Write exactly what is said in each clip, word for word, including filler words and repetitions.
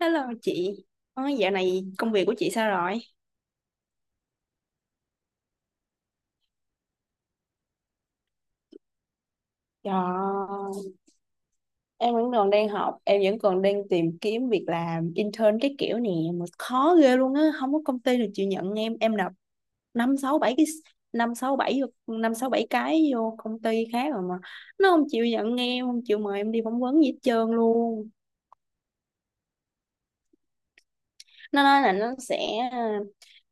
Hello chị. Ờ, dạo này công việc của chị sao rồi? Dạ, em vẫn còn đang học, em vẫn còn đang tìm kiếm việc làm intern cái kiểu nè, mà khó ghê luôn á, không có công ty nào chịu nhận em, em nộp năm sáu bảy cái năm sáu bảy năm sáu bảy cái vô công ty khác rồi mà nó không chịu nhận em, không chịu mời em đi phỏng vấn gì hết trơn luôn. Nó nói là nó sẽ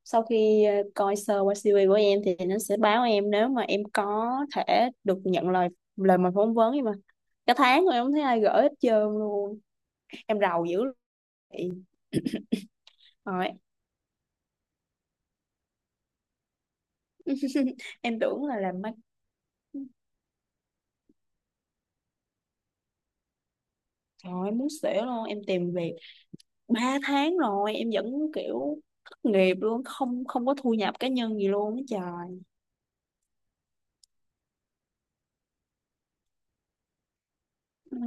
sau khi ờ, coi sơ qua si vi của em thì nó sẽ báo em nếu mà em có thể được nhận lời lời mời phỏng vấn, nhưng mà cả tháng rồi em không thấy ai gửi hết trơn luôn. Em rầu dữ lắm rồi. Em tưởng là làm marketing. Trời ơi, em muốn xỉu luôn. Em tìm việc ba tháng rồi em vẫn kiểu thất nghiệp luôn, không không có thu nhập cá nhân gì luôn á trời. Ừ.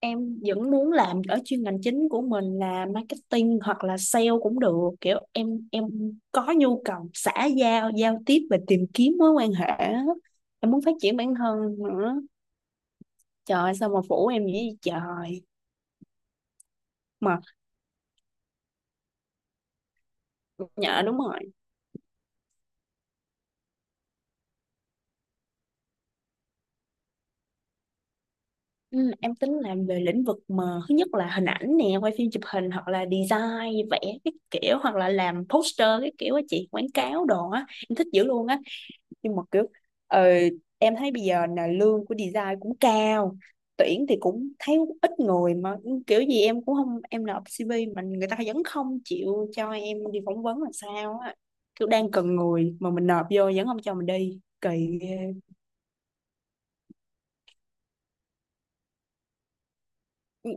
Em vẫn muốn làm ở chuyên ngành chính của mình là marketing, hoặc là sale cũng được, kiểu em em có nhu cầu xã giao giao tiếp và tìm kiếm mối quan hệ á. Em muốn phát triển bản thân nữa. Trời ơi, sao mà phủ em vậy trời. Mà nhờ đúng rồi. Ừ, em tính làm về lĩnh vực mà thứ nhất là hình ảnh nè, quay phim chụp hình, hoặc là design vẽ cái kiểu, hoặc là làm poster cái kiểu á chị, quảng cáo đồ á em thích dữ luôn á. Nhưng mà kiểu, ờ, em thấy bây giờ là lương của design cũng cao, tuyển thì cũng thấy ít người. Mà ừ, kiểu gì em cũng không, em nộp xê vê mà người ta vẫn không chịu cho em đi phỏng vấn là sao á, kiểu đang cần người mà mình nộp vô vẫn không cho mình đi, kỳ ghê. Ừ,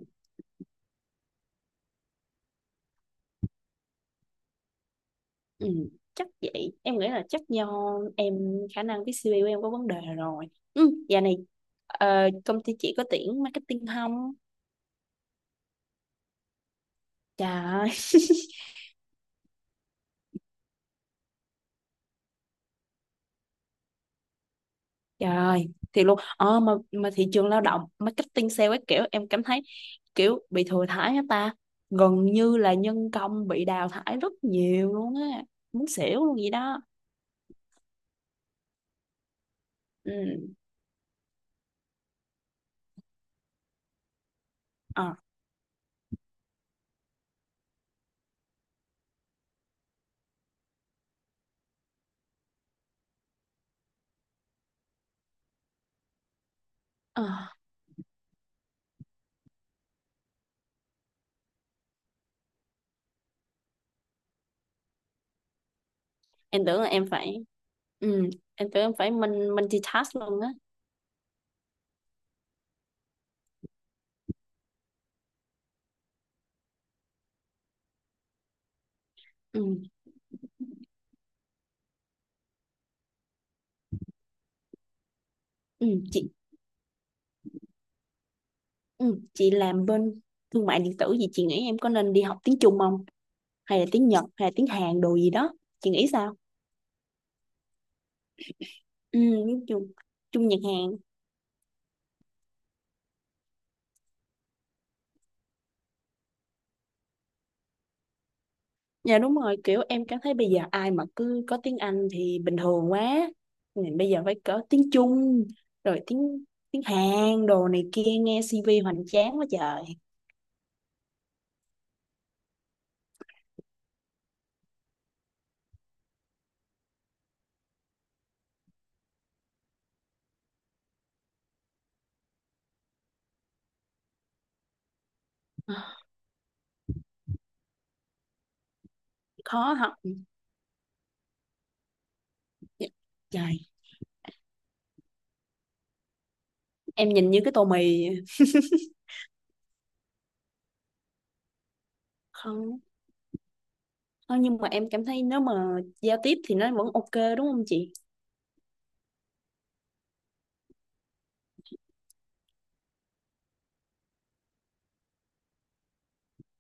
ừ, chắc vậy, em nghĩ là chắc do em khả năng viết si vi của em có vấn đề rồi. Ừ, giờ này ờ, công ty chị có tuyển marketing không trời? Trời ơi, thiệt luôn. Ờ, mà, mà thị trường lao động, marketing sale ấy, kiểu em cảm thấy kiểu bị thừa thãi á ta. Gần như là nhân công bị đào thải rất nhiều luôn á. Muốn xỉu luôn gì đó. Ừ. Ờ, ờ. Em tưởng là em phải... Ừ. Em tưởng em phải mình multitask luôn á. Ừ. Ừ. Chị, ừ. Chị làm bên thương mại điện tử gì, chị nghĩ em có nên đi học tiếng Trung không? Hay là tiếng Nhật, hay là tiếng Hàn đồ gì đó. Chị nghĩ sao? Ừ, tiếng Trung. Trung Nhật Hàn. Dạ đúng rồi, kiểu em cảm thấy bây giờ ai mà cứ có tiếng Anh thì bình thường quá. Nên bây giờ phải có tiếng Trung, rồi tiếng tiếng Hàn, đồ này kia, nghe si vi hoành tráng quá trời. Khó học. Trời, em nhìn như cái tô mì. Không, không, nhưng mà em cảm thấy nếu mà giao tiếp thì nó vẫn ok, đúng không chị?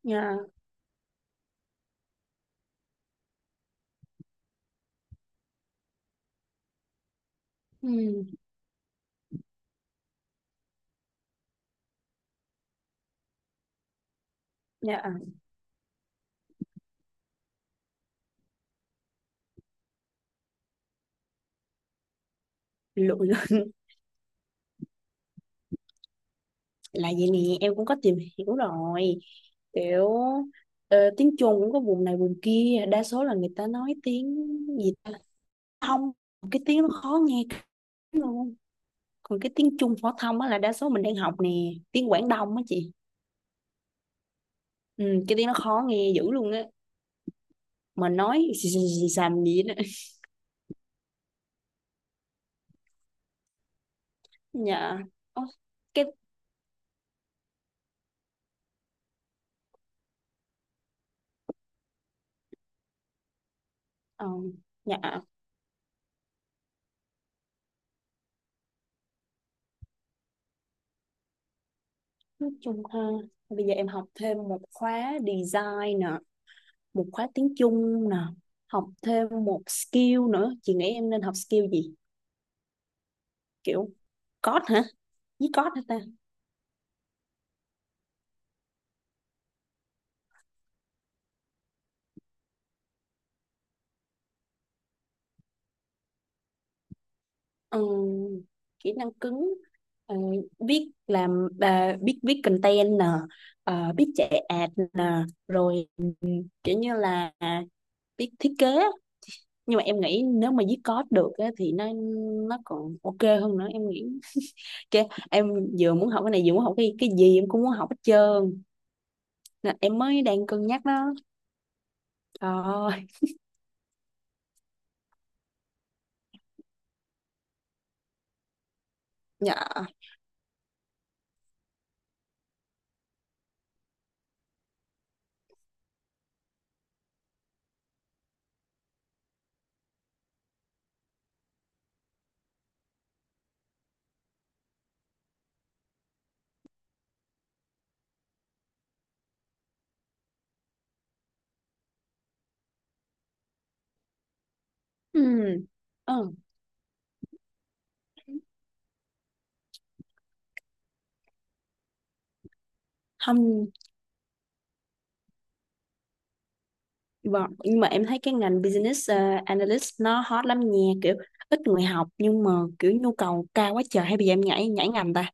Dạ, ừ, dạ, lụi. Là vậy nè, em cũng có tìm hiểu rồi, kiểu ờ, tiếng Trung cũng có vùng này vùng kia, đa số là người ta nói tiếng gì ta, thông, cái tiếng nó khó nghe lắm luôn. Còn cái tiếng Trung phổ thông á là đa số mình đang học nè, tiếng Quảng Đông á chị. Ừ, cái tiếng nó khó nghe dữ luôn á, mà nói xì xì xì xàm gì đó. Dạ. Ôi, cái ờ, dạ, nói chung ha, bây giờ em học thêm một khóa design nè, một khóa tiếng Trung nè, học thêm một skill nữa, chị nghĩ em nên học skill gì? Kiểu code hả, viết code hả ta? Ừ, kỹ năng cứng, ờ, biết làm à, biết viết content nè, ờ, biết chạy ad nè, rồi kiểu như là biết thiết kế. Nhưng mà em nghĩ nếu mà viết code được á, thì nó nó còn ok hơn nữa, em nghĩ. Chứ em vừa muốn học cái này, vừa muốn học cái cái gì em cũng muốn học hết trơn. Nên em mới đang cân nhắc đó, trời ơi. Dạ. Ừ. Ừ. Không, vâng. Nhưng mà em thấy cái ngành business, ờ, analyst nó hot lắm nha, kiểu ít người học nhưng mà kiểu nhu cầu cao quá trời, hay bây giờ em nhảy nhảy ngành ta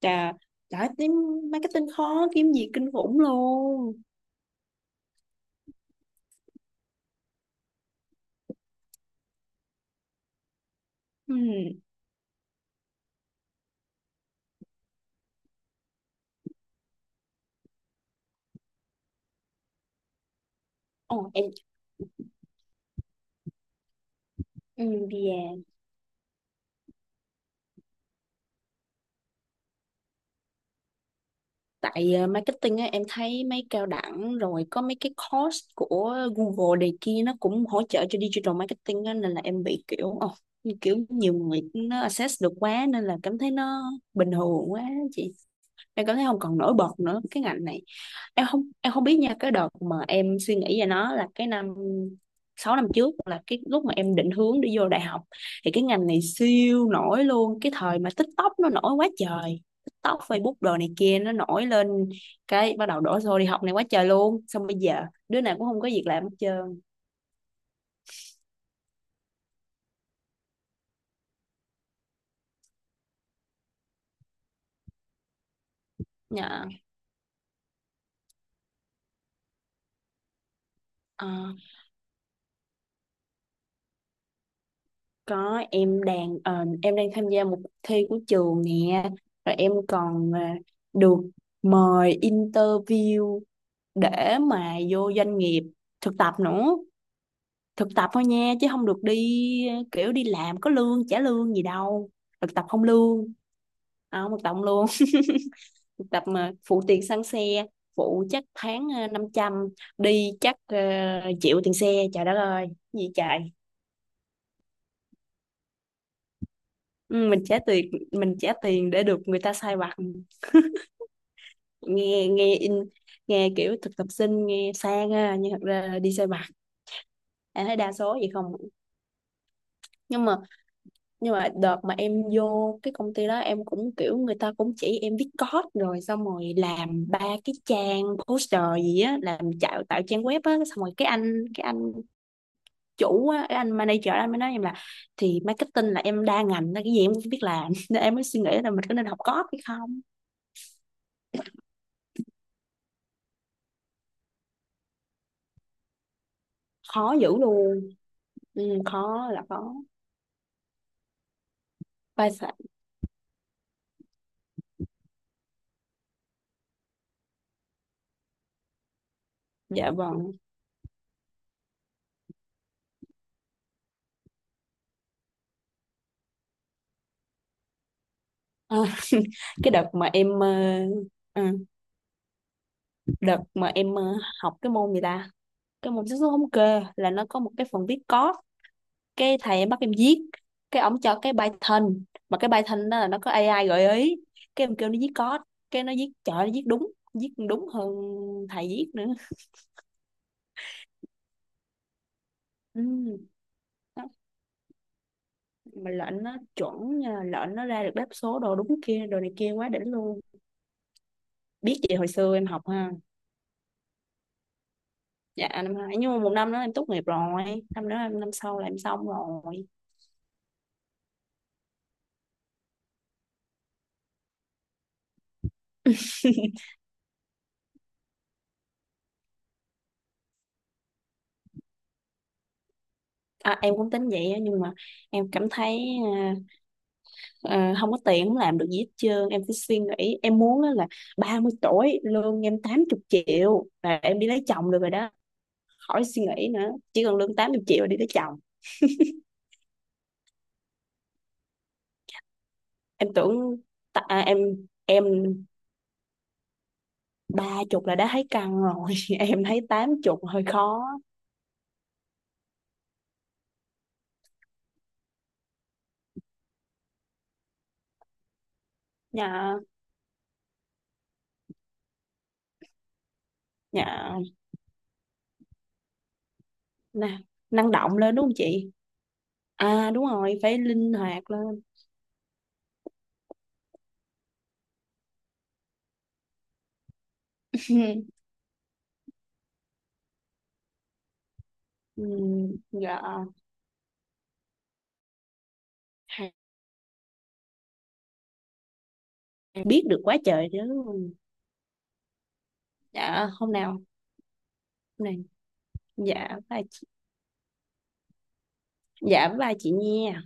trời? Trời ơi, kiếm marketing khó kiếm gì kinh khủng luôn. Ừ. Ồ, em ừ, yeah. Tại ờ, marketing á, em thấy mấy cao đẳng rồi có mấy cái course của Google này kia, nó cũng hỗ trợ cho digital marketing á, nên là em bị kiểu ồ, như kiểu nhiều người nó access được quá, nên là cảm thấy nó bình thường quá chị. Em cảm thấy không còn nổi bật nữa cái ngành này. Em không em không biết nha, cái đợt mà em suy nghĩ về nó là cái năm sáu năm trước, là cái lúc mà em định hướng đi vô đại học, thì cái ngành này siêu nổi luôn. Cái thời mà TikTok nó nổi quá trời, TikTok Facebook đồ này kia nó nổi lên, cái bắt đầu đổ xô đi học này quá trời luôn, xong bây giờ đứa nào cũng không có việc làm hết trơn. Dạ. Ờ, có. Em đang ờ, em đang tham gia một cuộc thi của trường nè, rồi em còn ờ, được mời interview để mà vô doanh nghiệp thực tập nữa. Thực tập thôi nha, chứ không được đi ờ, kiểu đi làm có lương, trả lương gì đâu. Thực tập không lương à? Không, thực tập không lương, thực tập mà phụ tiền xăng xe, phụ chắc tháng ờ, năm trăm, đi chắc ờ, chịu tiền xe. Trời đất ơi, gì trời. Ừ, mình trả tiền mình trả tiền để được người ta sai vặt. Nghe nghe in Nghe kiểu thực tập sinh nghe sang ha, nhưng thật ra đi sai vặt, em thấy đa số vậy không? Nhưng mà nhưng mà đợt mà em vô cái công ty đó, em cũng kiểu, người ta cũng chỉ em viết code, rồi xong rồi làm ba cái trang poster gì á, làm tạo tạo trang web á, xong rồi cái anh cái anh chủ á, cái anh manager anh mới nói em là thì marketing là em đa ngành nên cái gì em cũng biết làm. Nên em mới suy nghĩ là mình có nên học code hay không. Khó dữ luôn. Ừ, khó là khó. ba sa- dạ vâng. À, cái đợt mà em ờ, ừ, đợt mà em ờ, học cái môn gì ta, cái môn xác suất thống kê là nó có một cái phần viết code. Cái thầy em bắt em viết, cái ổng cho cái Python, mà cái Python đó là nó có a i gợi ý. Cái em kêu nó viết code, cái nó viết, trời, nó viết đúng, viết còn đúng hơn thầy viết nữa. Ừ, đó. Mà lệnh nó chuẩn nha, lệnh nó ra được đáp số đồ đúng kia, đồ này kia, quá đỉnh luôn. Biết gì hồi xưa em học ha. Dạ năm hai, nhưng mà một năm đó em tốt nghiệp rồi, năm đó em năm sau là em xong rồi. À, em cũng tính vậy á, nhưng mà em cảm thấy à, à, không có tiền không làm được gì hết trơn. Em cứ suy nghĩ em muốn á là ba mươi tuổi lương em tám mươi triệu là em đi lấy chồng được rồi đó, khỏi suy nghĩ nữa, chỉ cần lương tám mươi triệu là đi lấy chồng. Em tưởng ta, à, em em ba chục là đã thấy căng rồi. Em thấy tám chục hơi khó. Nhà nhà nè, năng động lên đúng không chị? À đúng rồi, phải linh hoạt lên. Ừ, dạ. Hàng biết được quá trời chứ. Dạ hôm nào, hôm nào, dạ ba chị, dạ với ba chị nha.